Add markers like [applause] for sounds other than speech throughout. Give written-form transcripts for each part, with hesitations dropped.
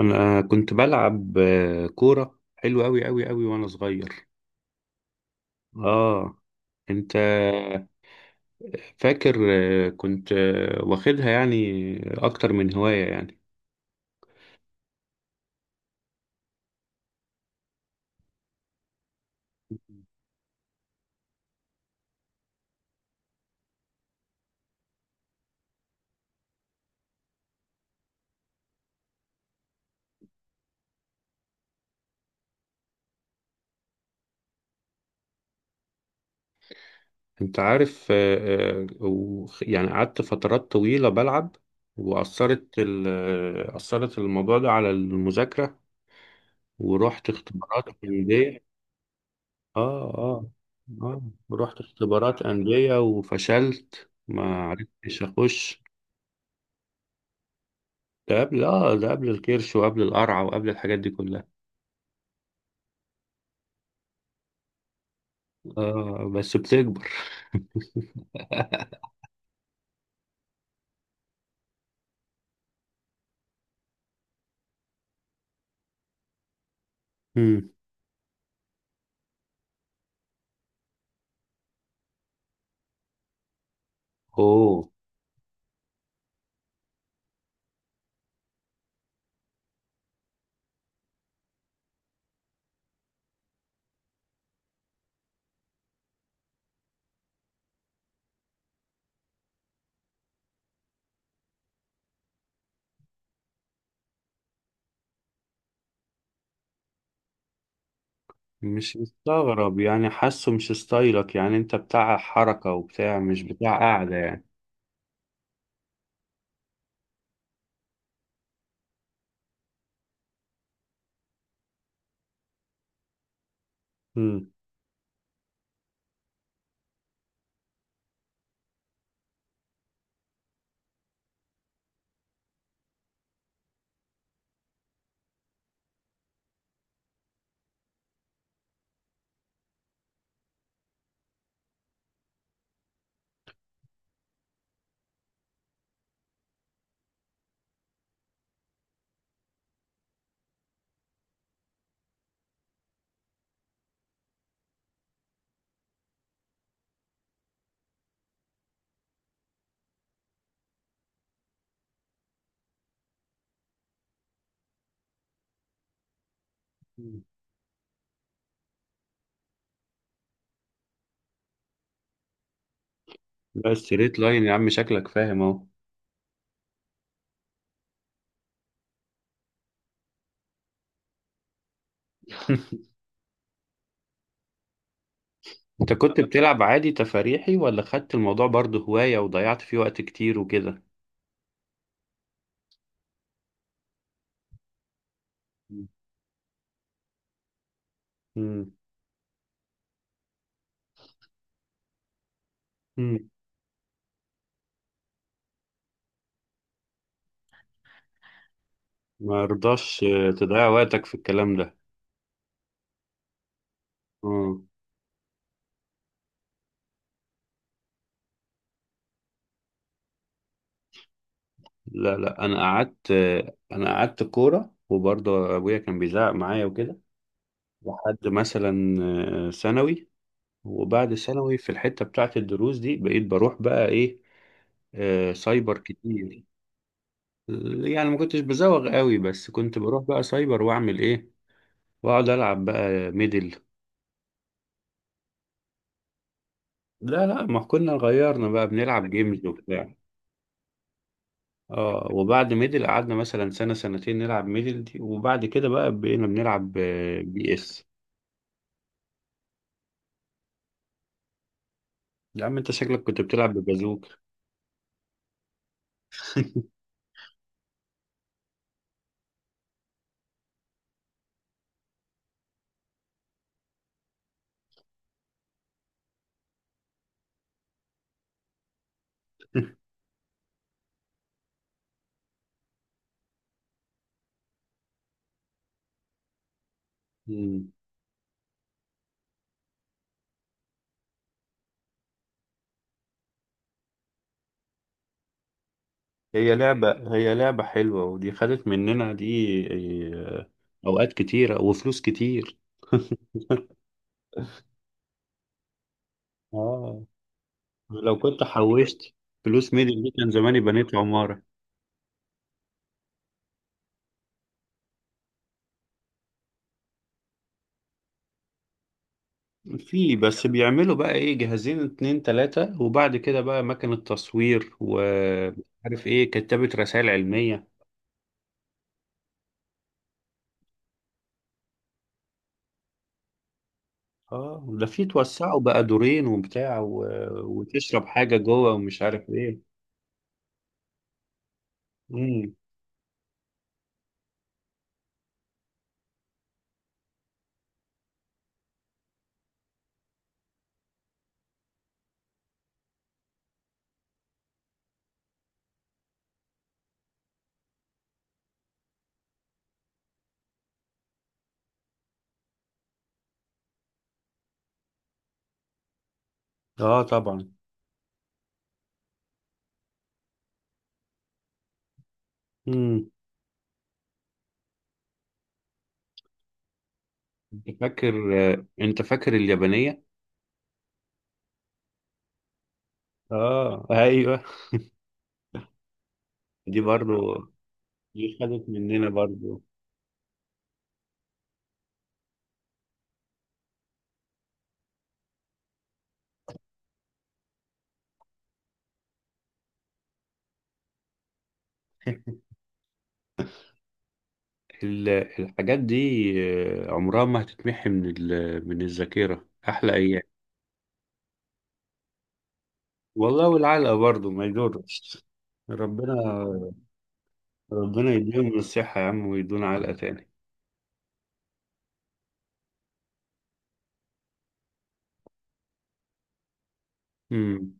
انا كنت بلعب كورة حلو قوي قوي قوي وانا صغير. اه، انت فاكر؟ كنت واخدها يعني اكتر من هواية يعني. انت عارف، يعني قعدت فترات طويلة بلعب وأثرت أثرت الموضوع ده على المذاكرة ورحت اختبارات أندية. اه، اه، اه، رحت اختبارات أندية وفشلت ما عرفتش أخش. ده قبل اه، ده قبل الكرش وقبل القرع وقبل الحاجات دي كلها. اه بس بتكبر. [laughs] مم. اوه، مش مستغرب يعني حاسه مش ستايلك يعني، انت بتاع حركة وبتاع مش بتاع قاعدة يعني. مم. بس ستريت لاين يا عم شكلك فاهم اهو. [laughs] انت كنت بتلعب عادي تفاريحي ولا خدت الموضوع برضه هواية وضيعت فيه وقت كتير وكده؟ مم. مم. ما رضاش تضيع وقتك في الكلام ده. آه. لا، انا قعدت، انا قعدت كوره وبرضه ابويا كان بيزعق معايا وكده لحد مثلا ثانوي. وبعد ثانوي في الحته بتاعه الدروس دي بقيت بروح بقى ايه، سايبر كتير. يعني ما كنتش بزوغ قوي بس كنت بروح بقى سايبر واعمل ايه، واقعد العب بقى ميدل. لا، ما كنا غيرنا بقى بنلعب جيمز وبتاع. اه، وبعد ميدل قعدنا مثلا سنه سنتين نلعب ميدل دي، وبعد كده بقى بقينا بنلعب بي اس. يا عم انت شكلك كنت بتلعب ببازوك. [laughs] مم. هي لعبة حلوة، ودي خدت مننا دي، اه، أوقات كتيرة وفلوس كتير. [laughs] اه، لو كنت حوشت فلوس ميدل دي كان زماني بنيت عمارة. في بس بيعملوا بقى ايه، جهازين اتنين تلاتة وبعد كده بقى مكنة تصوير وعارف ايه، كتابة رسائل علمية. اه، ده في توسعوا بقى دورين وبتاع و... وتشرب حاجة جوه ومش عارف ايه. اه طبعا. امم. انت فاكر، انت فاكر اليابانية؟ اه ايوه. دي برضو، دي خدت مننا برضو. الحاجات دي عمرها ما هتتمحي من من الذاكرة، أحلى أيام. والله، والعلقة برضو ما يدورش. ربنا، ربنا يديهم الصحة يا عم ويدونا علقة تاني. مم.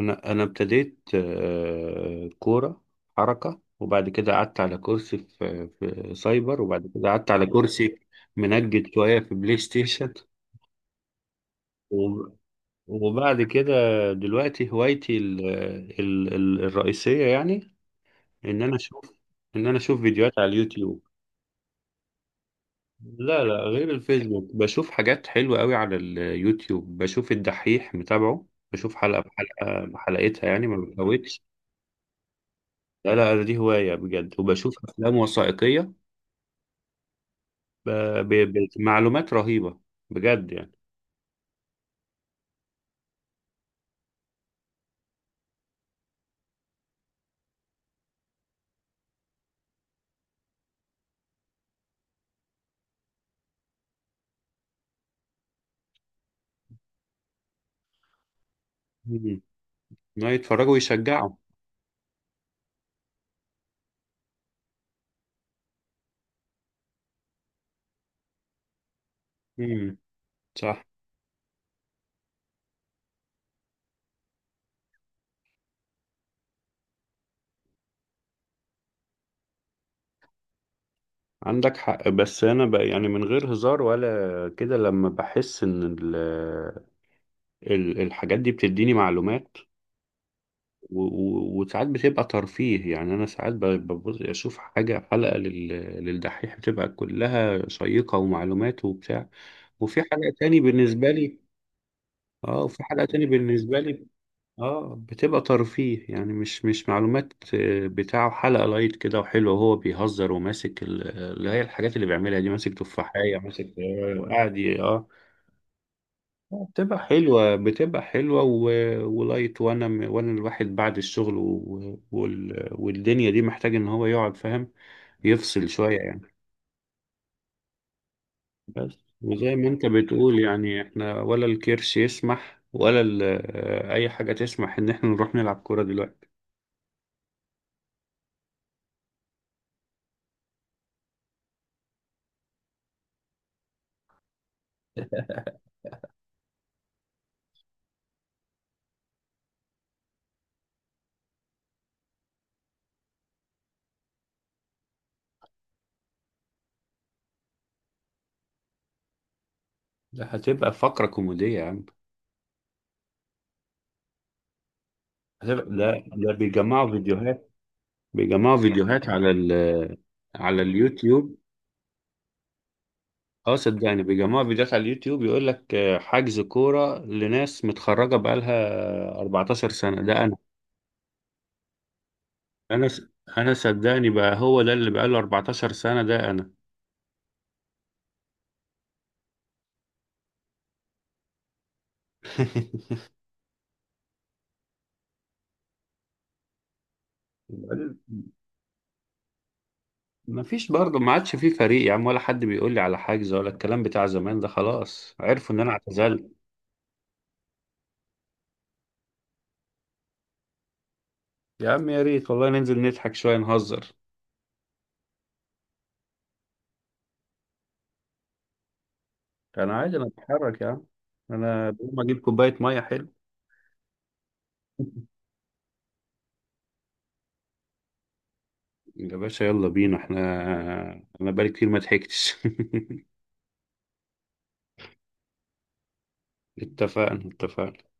انا ابتديت كوره، حركه، وبعد كده قعدت على كرسي في سايبر، وبعد كده قعدت على كرسي منجد شويه في بلاي ستيشن. و- وبعد كده دلوقتي هوايتي ال الرئيسيه يعني ان انا اشوف، ان انا اشوف فيديوهات على اليوتيوب. لا، غير الفيسبوك بشوف حاجات حلوه قوي على اليوتيوب، بشوف الدحيح متابعه، بشوف حلقه بحلقه بحلقتها يعني ما بفوتش. لا، أنا دي هواية بجد، وبشوف أفلام وثائقية ب- بمعلومات رهيبة بجد يعني. مم. لا يتفرجوا ويشجعوا. مم. صح. عندك حق، بس أنا بقى يعني من غير هزار ولا كده لما بحس إن الحاجات دي بتديني معلومات، وساعات بتبقى ترفيه. يعني أنا ساعات ببص أشوف حاجة حلقة للدحيح بتبقى كلها شيقة ومعلومات وبتاع، وفي حلقة تاني بالنسبة لي. اه، وفي حلقة تاني بالنسبة لي اه بتبقى ترفيه يعني مش مش معلومات، بتاعه حلقة لايت كده وحلو وهو بيهزر وماسك اللي هي الحاجات اللي بيعملها دي، ماسك تفاحية، ماسك وقاعد ي- اه، بتبقى حلوة بتبقى حلوة و... ولايت. وانا الواحد بعد الشغل و... والدنيا دي محتاج ان هو يقعد فاهم يفصل شوية يعني. بس وزي ما انت بتقول يعني احنا ولا الكرش يسمح ولا ال... اي حاجة تسمح ان احنا نروح نلعب كورة دلوقتي. ده هتبقى فقرة كوميدية يا عم، هتبقى، ده بيجمعوا فيديوهات، بيجمعوا فيديوهات على ال، على اليوتيوب. اه صدقني يعني بيجمعوا فيديوهات على اليوتيوب يقول لك حجز كورة لناس متخرجة بقالها 14 سنة ده انا. انا س- انا صدقني بقى هو ده اللي بقاله 14 سنة ده انا. [laughs] ما فيش برضه، ما عادش في فريق يا عم، ولا حد بيقول لي على حجز ولا الكلام بتاع زمان ده، خلاص عرفوا ان انا اعتزلت. يا عم يا ريت والله، ننزل نضحك شوية نهزر. انا عادي، انا بتحرك يا عم، انا بقوم اجيب كوبايه ميه حلو. يا باشا يلا بينا احنا، انا بقالي كتير ما ضحكتش. [laughs] اتفقنا، اتفقنا.